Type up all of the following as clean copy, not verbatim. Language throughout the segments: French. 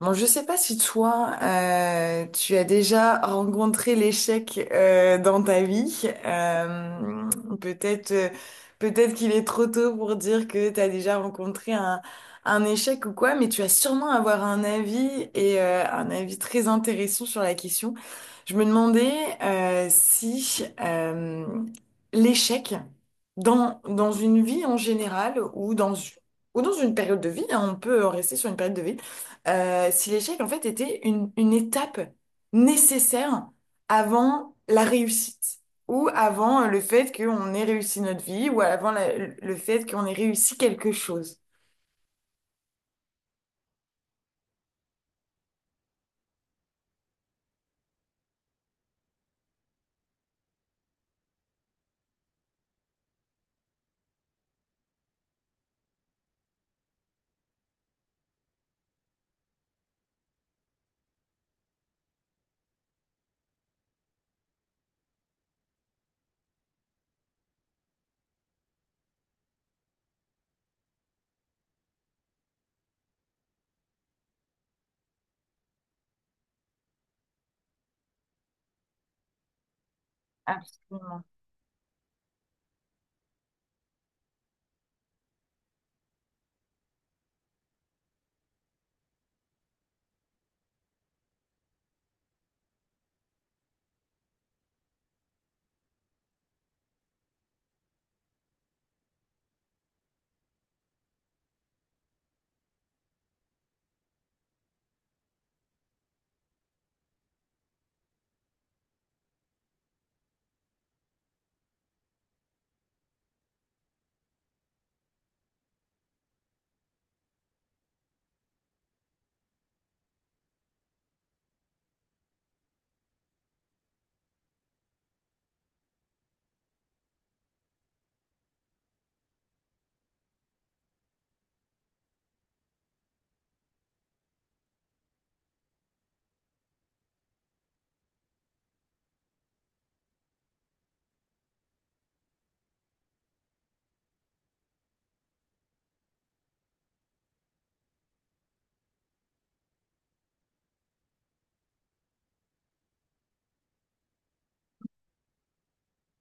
Bon, je sais pas si toi, tu as déjà rencontré l'échec dans ta vie. Euh, peut-être, euh, peut-être qu'il est trop tôt pour dire que tu as déjà rencontré un échec ou quoi, mais tu vas sûrement avoir un avis et un avis très intéressant sur la question. Je me demandais si l'échec dans une vie en général ou dans une période de vie, hein, on peut rester sur une période de vie si l'échec, en fait, était une étape nécessaire avant la réussite, ou avant le fait qu'on ait réussi notre vie, ou avant le fait qu'on ait réussi quelque chose. Absolument.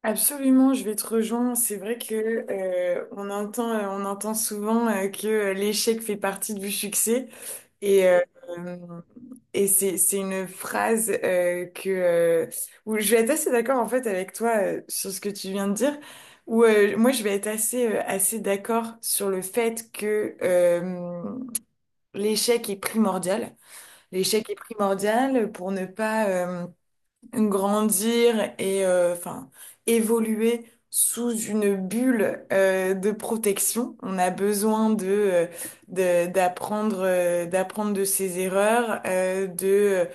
Absolument, je vais te rejoindre. C'est vrai que on entend souvent que l'échec fait partie du succès. Et, euh, et c'est une phrase où je vais être assez d'accord en fait avec toi sur ce que tu viens de dire, où moi je vais être assez d'accord sur le fait que l'échec est primordial. L'échec est primordial pour ne pas... grandir et enfin évoluer sous une bulle de protection. On a besoin de d'apprendre d'apprendre de ses erreurs, euh, de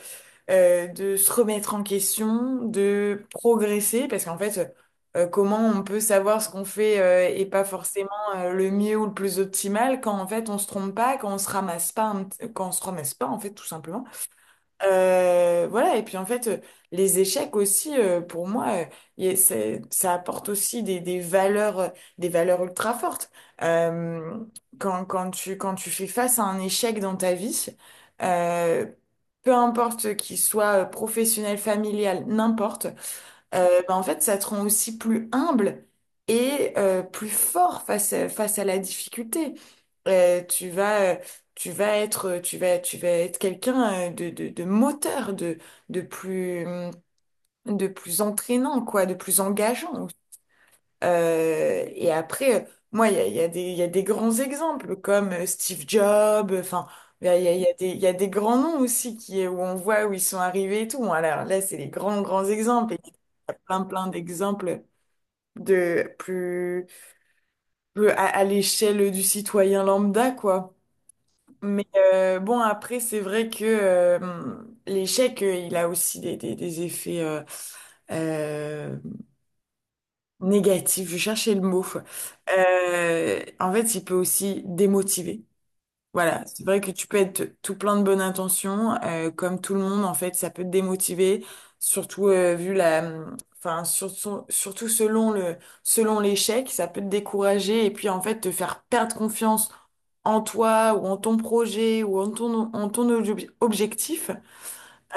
euh, de se remettre en question, de progresser parce qu'en fait comment on peut savoir ce qu'on fait et pas forcément le mieux ou le plus optimal quand en fait on se trompe pas, quand on se ramasse pas un quand on se ramasse pas en fait tout simplement. Voilà, et puis en fait, les échecs aussi, pour moi, ça apporte aussi des valeurs ultra fortes. Euh, quand tu fais face à un échec dans ta vie, euh, peu importe qu'il soit professionnel, familial, n'importe, ben, en fait, ça te rend aussi plus humble et plus fort face face à la difficulté. Euh, tu vas, euh, tu vas être quelqu'un de moteur, de plus, hum, de plus entraînant, quoi, de plus engageant. Et après, moi, il y a des grands exemples comme Steve Jobs, enfin. Il y a il y a des grands noms aussi qui, où on voit où ils sont arrivés et tout. Alors là, c'est les grands exemples. Et il y a plein d'exemples de plus, plus à l'échelle du citoyen lambda, quoi. Mais bon, après, c'est vrai que l'échec, il a aussi des effets euh, négatifs. Je cherchais le mot. En fait, il peut aussi démotiver. Voilà, c'est vrai que tu peux être tout plein de bonnes intentions, comme tout le monde en fait, ça peut te démotiver, surtout vu la, enfin sur- sur- surtout selon selon l'échec, ça peut te décourager et puis en fait te faire perdre confiance en toi ou en ton projet ou en ton objectif.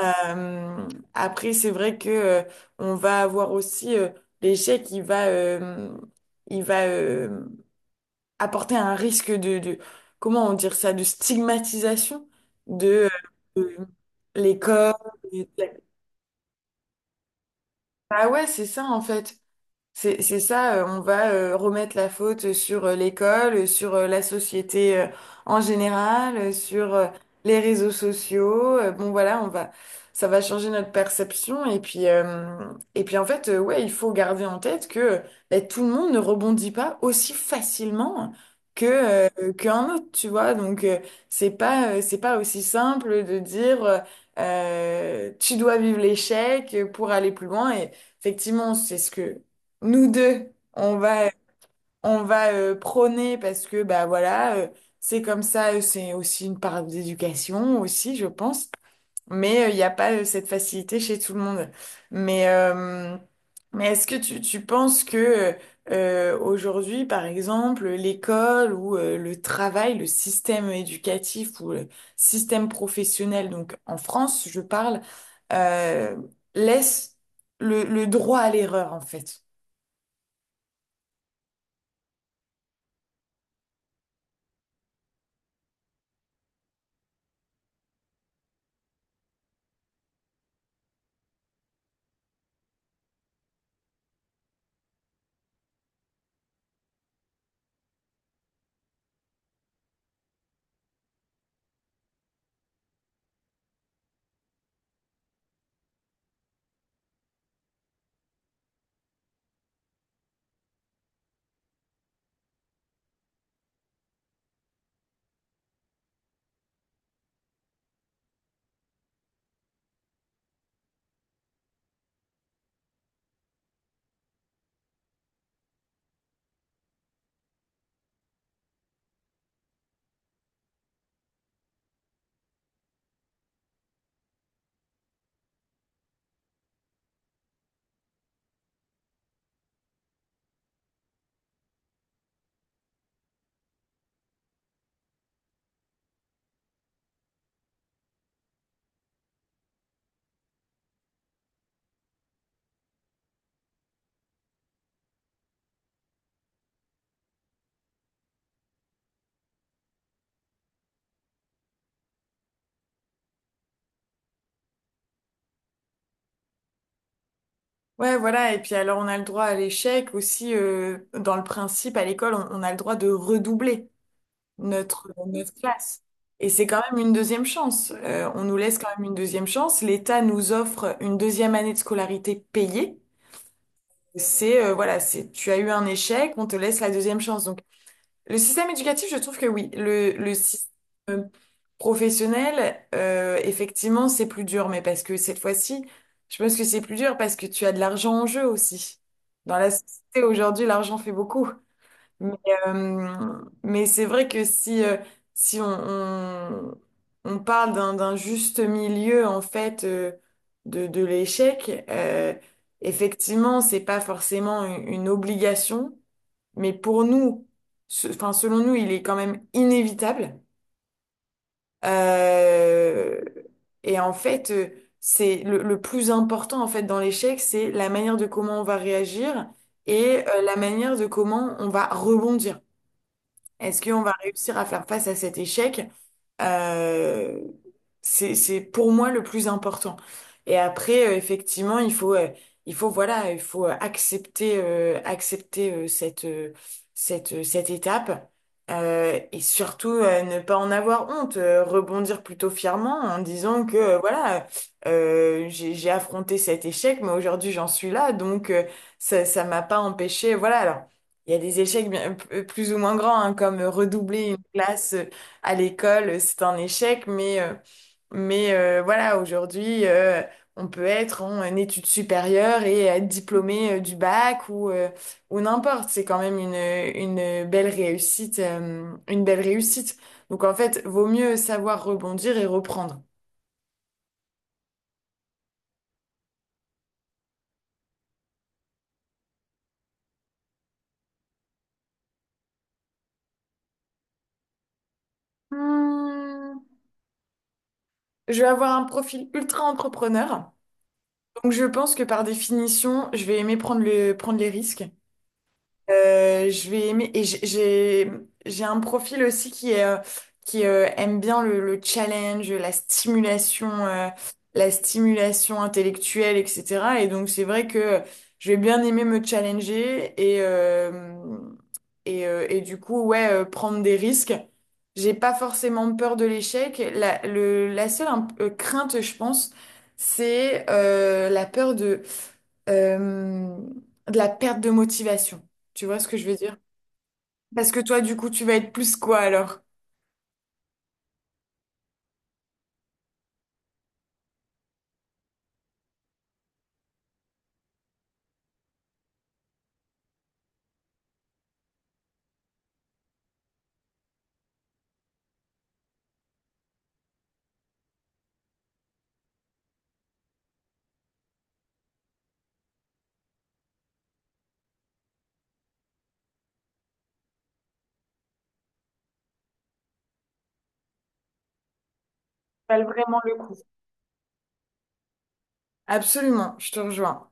Euh, Après, c'est vrai que on va avoir aussi l'échec, il va apporter un risque de comment on dire ça, de stigmatisation de, euh, de l'école. et- Bah ouais, c'est ça en fait. C'est ça, on va remettre la faute sur l'école, sur la société en général, sur les réseaux sociaux. Bon voilà, ça va changer notre perception. Et puis en fait, ouais, il faut garder en tête que ben, tout le monde ne rebondit pas aussi facilement que qu'un autre, tu vois. Donc c'est pas aussi simple de dire tu dois vivre l'échec pour aller plus loin. Et effectivement, c'est ce que nous deux, on va prôner parce que bah voilà, c'est comme ça, c'est aussi une part d'éducation aussi, je pense. Mais il n'y a pas cette facilité chez tout le monde. Mais, euh, mais est-ce que tu penses que aujourd'hui, par exemple, l'école ou le travail, le système éducatif ou le système professionnel, donc en France, je parle, euh, laisse le droit à l'erreur en fait? Ouais, voilà. Et puis alors, on a le droit à l'échec aussi. Dans le principe, à l'école, on a le droit de redoubler notre classe. Et c'est quand même une deuxième chance. On nous laisse quand même une deuxième chance. L'État nous offre une deuxième année de scolarité payée. Voilà, c'est, tu as eu un échec, on te laisse la deuxième chance. Donc, le système éducatif, je trouve que oui. Le système professionnel, effectivement, c'est plus dur, mais parce que cette fois-ci, je pense que c'est plus dur parce que tu as de l'argent en jeu aussi. Dans la société aujourd'hui, l'argent fait beaucoup. Mais, euh, mais c'est vrai que si on parle d'un juste milieu, en fait, de l'échec, effectivement, c'est pas forcément une obligation mais pour nous, enfin, selon nous, il est quand même inévitable. Euh, et en fait, euh, c'est le plus important en fait dans l'échec, c'est la manière de comment on va réagir et la manière de comment on va rebondir. Est-ce qu'on va réussir à faire face à cet échec? Euh, c'est pour moi le plus important. Et après, effectivement, il faut, voilà, il faut accepter, accepter cette étape. Et surtout ne pas en avoir honte, rebondir plutôt fièrement en disant que voilà, j'ai affronté cet échec, mais aujourd'hui j'en suis là, donc ça m'a pas empêché. Voilà, alors. Il y a des échecs bien, plus ou moins grands, hein, comme redoubler une classe à l'école, c'est un échec, mais voilà, aujourd'hui, on peut être en études supérieures et être diplômé du bac ou n'importe. C'est quand même une belle réussite, une belle réussite. Donc en fait, vaut mieux savoir rebondir et reprendre. Hmm, Je vais avoir un profil ultra entrepreneur. Donc je pense que par définition, je vais aimer prendre prendre les risques. Je vais aimer et j'ai un profil aussi qui est, qui aime bien le challenge, la stimulation intellectuelle, etc. Et donc c'est vrai que je vais bien aimer me challenger et et du coup, ouais, prendre des risques. J'ai pas forcément peur de l'échec. La seule crainte, je pense, c'est euh, de la perte de motivation. Tu vois ce que je veux dire? Parce que toi, du coup, tu vas être plus quoi alors? Ça Vale vraiment le coup. Absolument, je te rejoins.